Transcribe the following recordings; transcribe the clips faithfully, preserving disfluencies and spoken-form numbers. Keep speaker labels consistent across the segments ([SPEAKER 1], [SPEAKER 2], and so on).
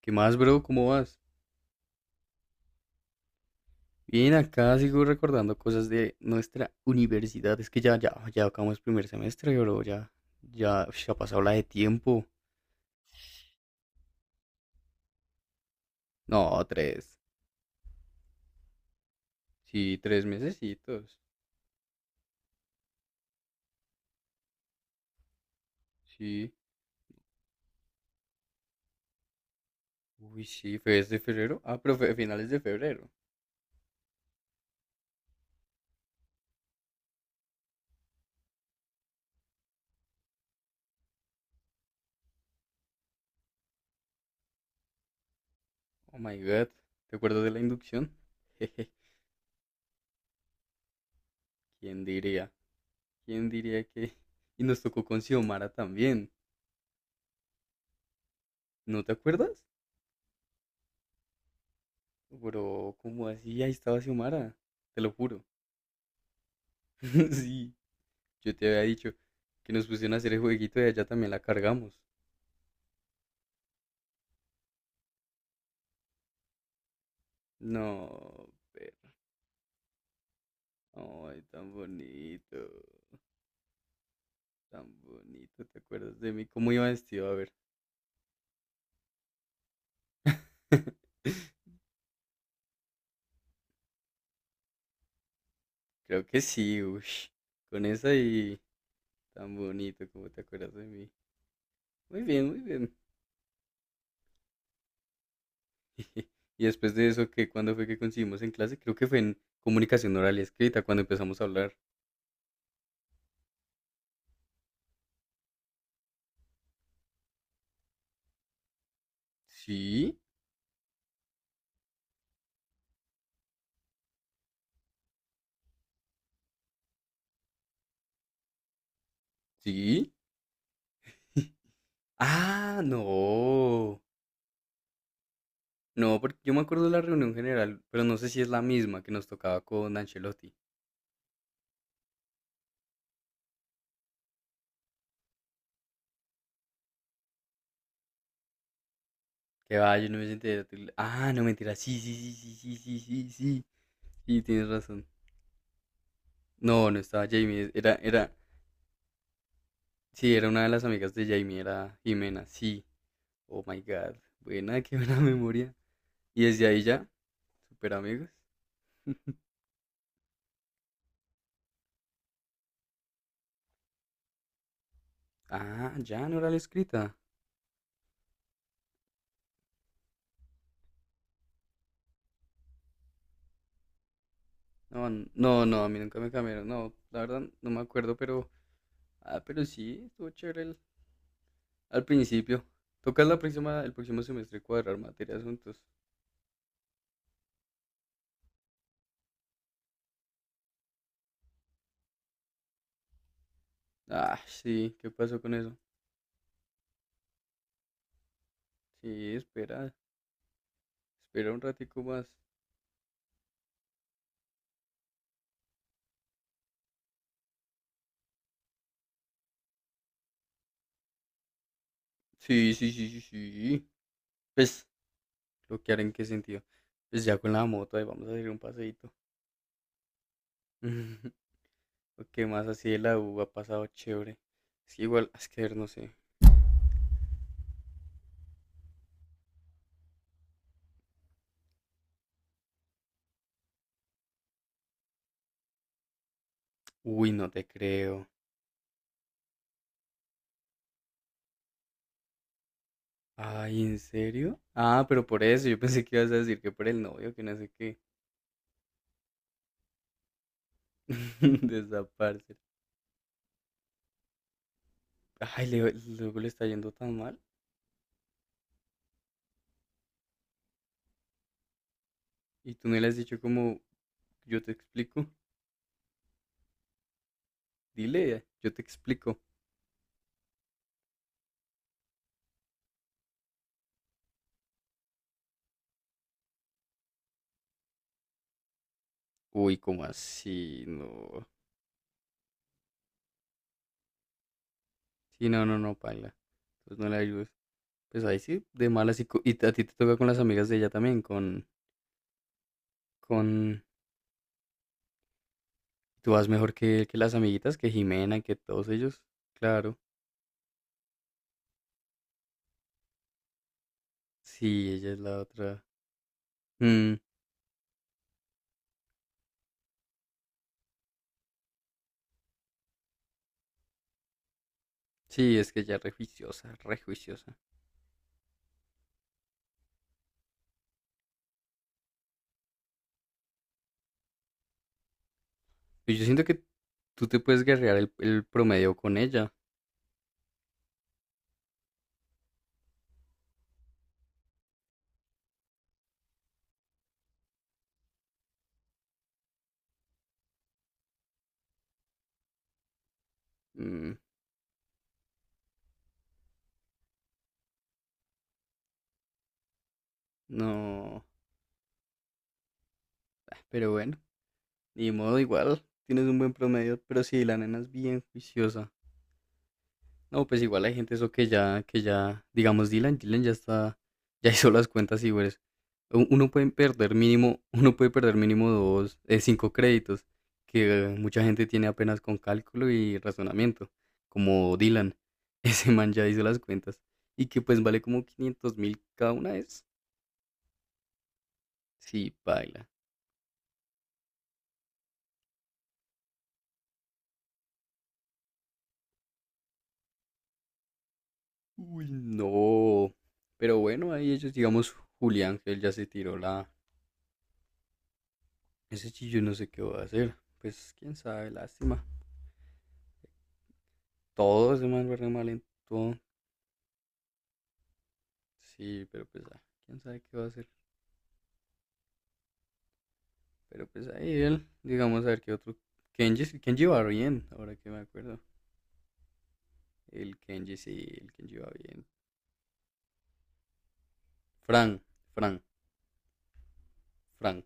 [SPEAKER 1] ¿Qué más, bro? ¿Cómo vas? Bien, acá sigo recordando cosas de nuestra universidad. Es que ya, ya, ya acabamos primer semestre, bro. Ya, ya, ush, ha pasado la de tiempo. No, tres. Sí, tres mesecitos. Sí. Uy, sí, fue desde febrero. Ah, pero fue finales de febrero. Oh my God. ¿Te acuerdas de la inducción? Jeje, ¿quién diría? ¿Quién diría que...? Y nos tocó con Xiomara también. ¿No te acuerdas? Bro, ¿cómo así? Ahí estaba Xiomara. Te lo juro. Sí. Yo te había dicho que nos pusieron a hacer el jueguito y allá también la cargamos. No, pero, ay, tan bonito, tan bonito, ¿te acuerdas de mí? ¿Cómo iba vestido? A ver. Creo que sí, ush. Con esa y tan bonito, ¿cómo te acuerdas de mí? Muy bien, muy bien. Y después de eso, ¿qué? ¿Cuándo fue que coincidimos en clase? Creo que fue en comunicación oral y escrita cuando empezamos a hablar. ¿Sí? ¿Sí? Ah, no. No, porque yo me acuerdo de la reunión general, pero no sé si es la misma que nos tocaba con Ancelotti. Que va, yo no me senté. Ah, no, mentira. Sí, sí, sí, sí, sí, sí, sí, sí. Sí, tienes razón. No, no estaba Jamie. Era, era, sí, era una de las amigas de Jamie, era Jimena. Sí. Oh my God. Buena, qué buena memoria. Y desde ahí ya, super amigos. Ah, ya, no era la escrita. No, n- no, no, a mí nunca me cambiaron. No, la verdad, no me acuerdo, pero. Ah, pero sí, estuvo chévere el- al principio. Toca la próxima, el próximo semestre cuadrar materias juntos. Ah, sí, ¿qué pasó con eso? Sí, espera, espera un ratico más. Sí, sí, sí, sí, sí. Pues, bloquear en qué sentido. Pues ya con la moto, ahí vamos a hacer un paseíto. O, ¿qué más así de la U ha pasado chévere? Es que igual, es que a ver, no sé. Uy, no te creo. Ay, ¿en serio? Ah, pero por eso, yo pensé que ibas a decir que por el novio, que no sé qué. Desaparece. Ay, Leo, luego le está yendo tan mal. Y tú no le has dicho como, yo te explico. Dile, yo te explico. Uy, ¿cómo así? No. Sí, no, no, no, paila. Pues no le ayudes. Pues ahí sí, de malas. Y, co- y a ti te toca con las amigas de ella también, con, con... tú vas mejor que, que las amiguitas, que Jimena, que todos ellos. Claro. Sí, ella es la otra. Mm, sí, es que ella es re juiciosa, re juiciosa. Y yo siento que tú te puedes guerrear el, el promedio con ella. Mm, no, pero bueno, ni modo igual, tienes un buen promedio, pero sí, la nena es bien juiciosa. No, pues igual hay gente eso que ya, que ya, digamos Dylan, Dylan ya está, ya hizo las cuentas y güey, u- uno puede perder mínimo, uno puede perder mínimo dos, eh, cinco créditos, que eh, mucha gente tiene apenas con cálculo y razonamiento, como Dylan, ese man ya hizo las cuentas, y que pues vale como quinientos mil cada una es, sí, baila. Uy, no. Pero bueno, ahí ellos, digamos, Julián, que él ya se tiró la... Ese chillo no sé qué va a hacer. Pues quién sabe, lástima. Todo ese man va re mal en todo. Sí, pero pues ah, quién sabe qué va a hacer. Pero pues ahí él, digamos, a ver qué otro... Kenji, sí- Kenji va bien, ahora que me acuerdo. El Kenji sí, el Kenji va bien. Fran, Fran, Fran.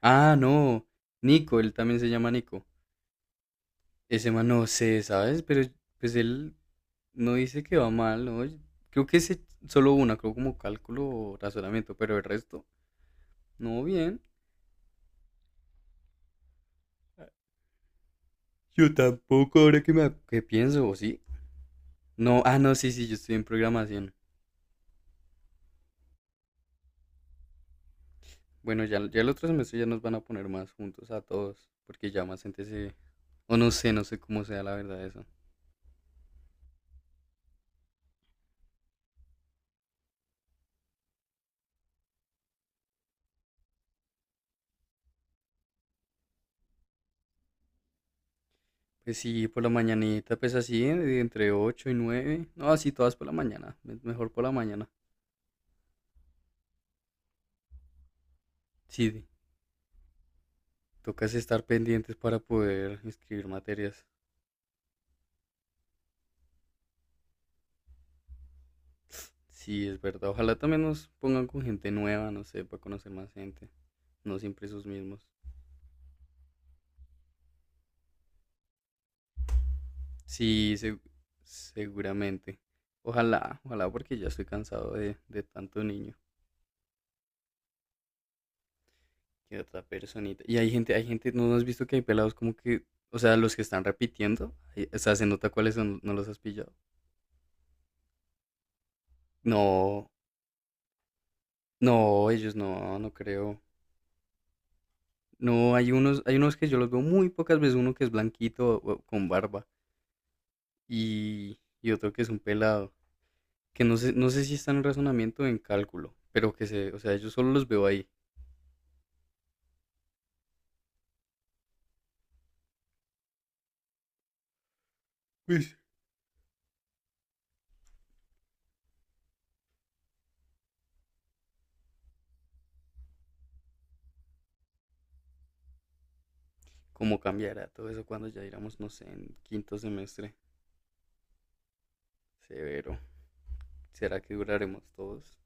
[SPEAKER 1] Ah, no. Nico, él también se llama Nico. Ese man no sé, ¿sabes? Pero pues él no dice que va mal, ¿no? Yo- Creo que es solo una, creo como cálculo o razonamiento, pero el resto, no bien. Yo tampoco, ahora que me ac- que pienso, ¿o sí? No, ah, no, sí, sí, yo estoy en programación. Bueno, ya, ya el otro semestre ya nos van a poner más juntos a todos, porque ya más gente se... O no sé, no sé cómo sea la verdad eso. Pues sí, por la mañanita, pues así, eh, entre ocho y nueve. No, así todas por la mañana, me- mejor por la mañana. Sí, tocas estar pendientes para poder inscribir materias. Sí, es verdad. Ojalá también nos pongan con gente nueva, no sé, para conocer más gente. No siempre esos mismos. Sí, se- seguramente. Ojalá, ojalá, porque ya estoy cansado de, de tanto niño y de otra personita. Y hay gente, hay gente, no has visto que hay pelados como que, o sea, los que están repitiendo, ahí- o sea, se nota cuáles son, no los has pillado. No, no, ellos no, no creo. No, hay unos, hay unos que yo los veo muy pocas veces, uno que es blanquito o- o con barba y, y otro que es un pelado. Que no sé, no sé si están en razonamiento o en cálculo, pero que se, o sea, yo solo los veo ahí. Pues, ¿cómo cambiará todo eso cuando ya iramos, no sé, en quinto semestre? Severo. ¿Será que duraremos todos?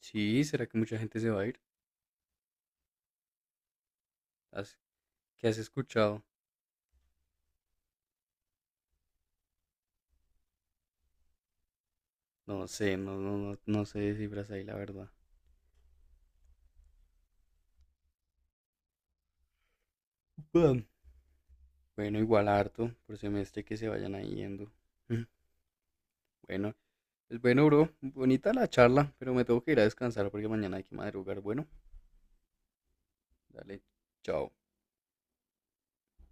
[SPEAKER 1] Sí, ¿será que mucha gente se va a ir? ¿Has- ¿Qué has escuchado? No sé, no, no, no, no sé de cifras ahí, la verdad. Ujú. Bueno, igual harto por semestre que se vayan ahí yendo. Mm, bueno, pues bueno, bro, bonita la charla, pero me tengo que ir a descansar porque mañana hay que madrugar. Bueno, dale, chao.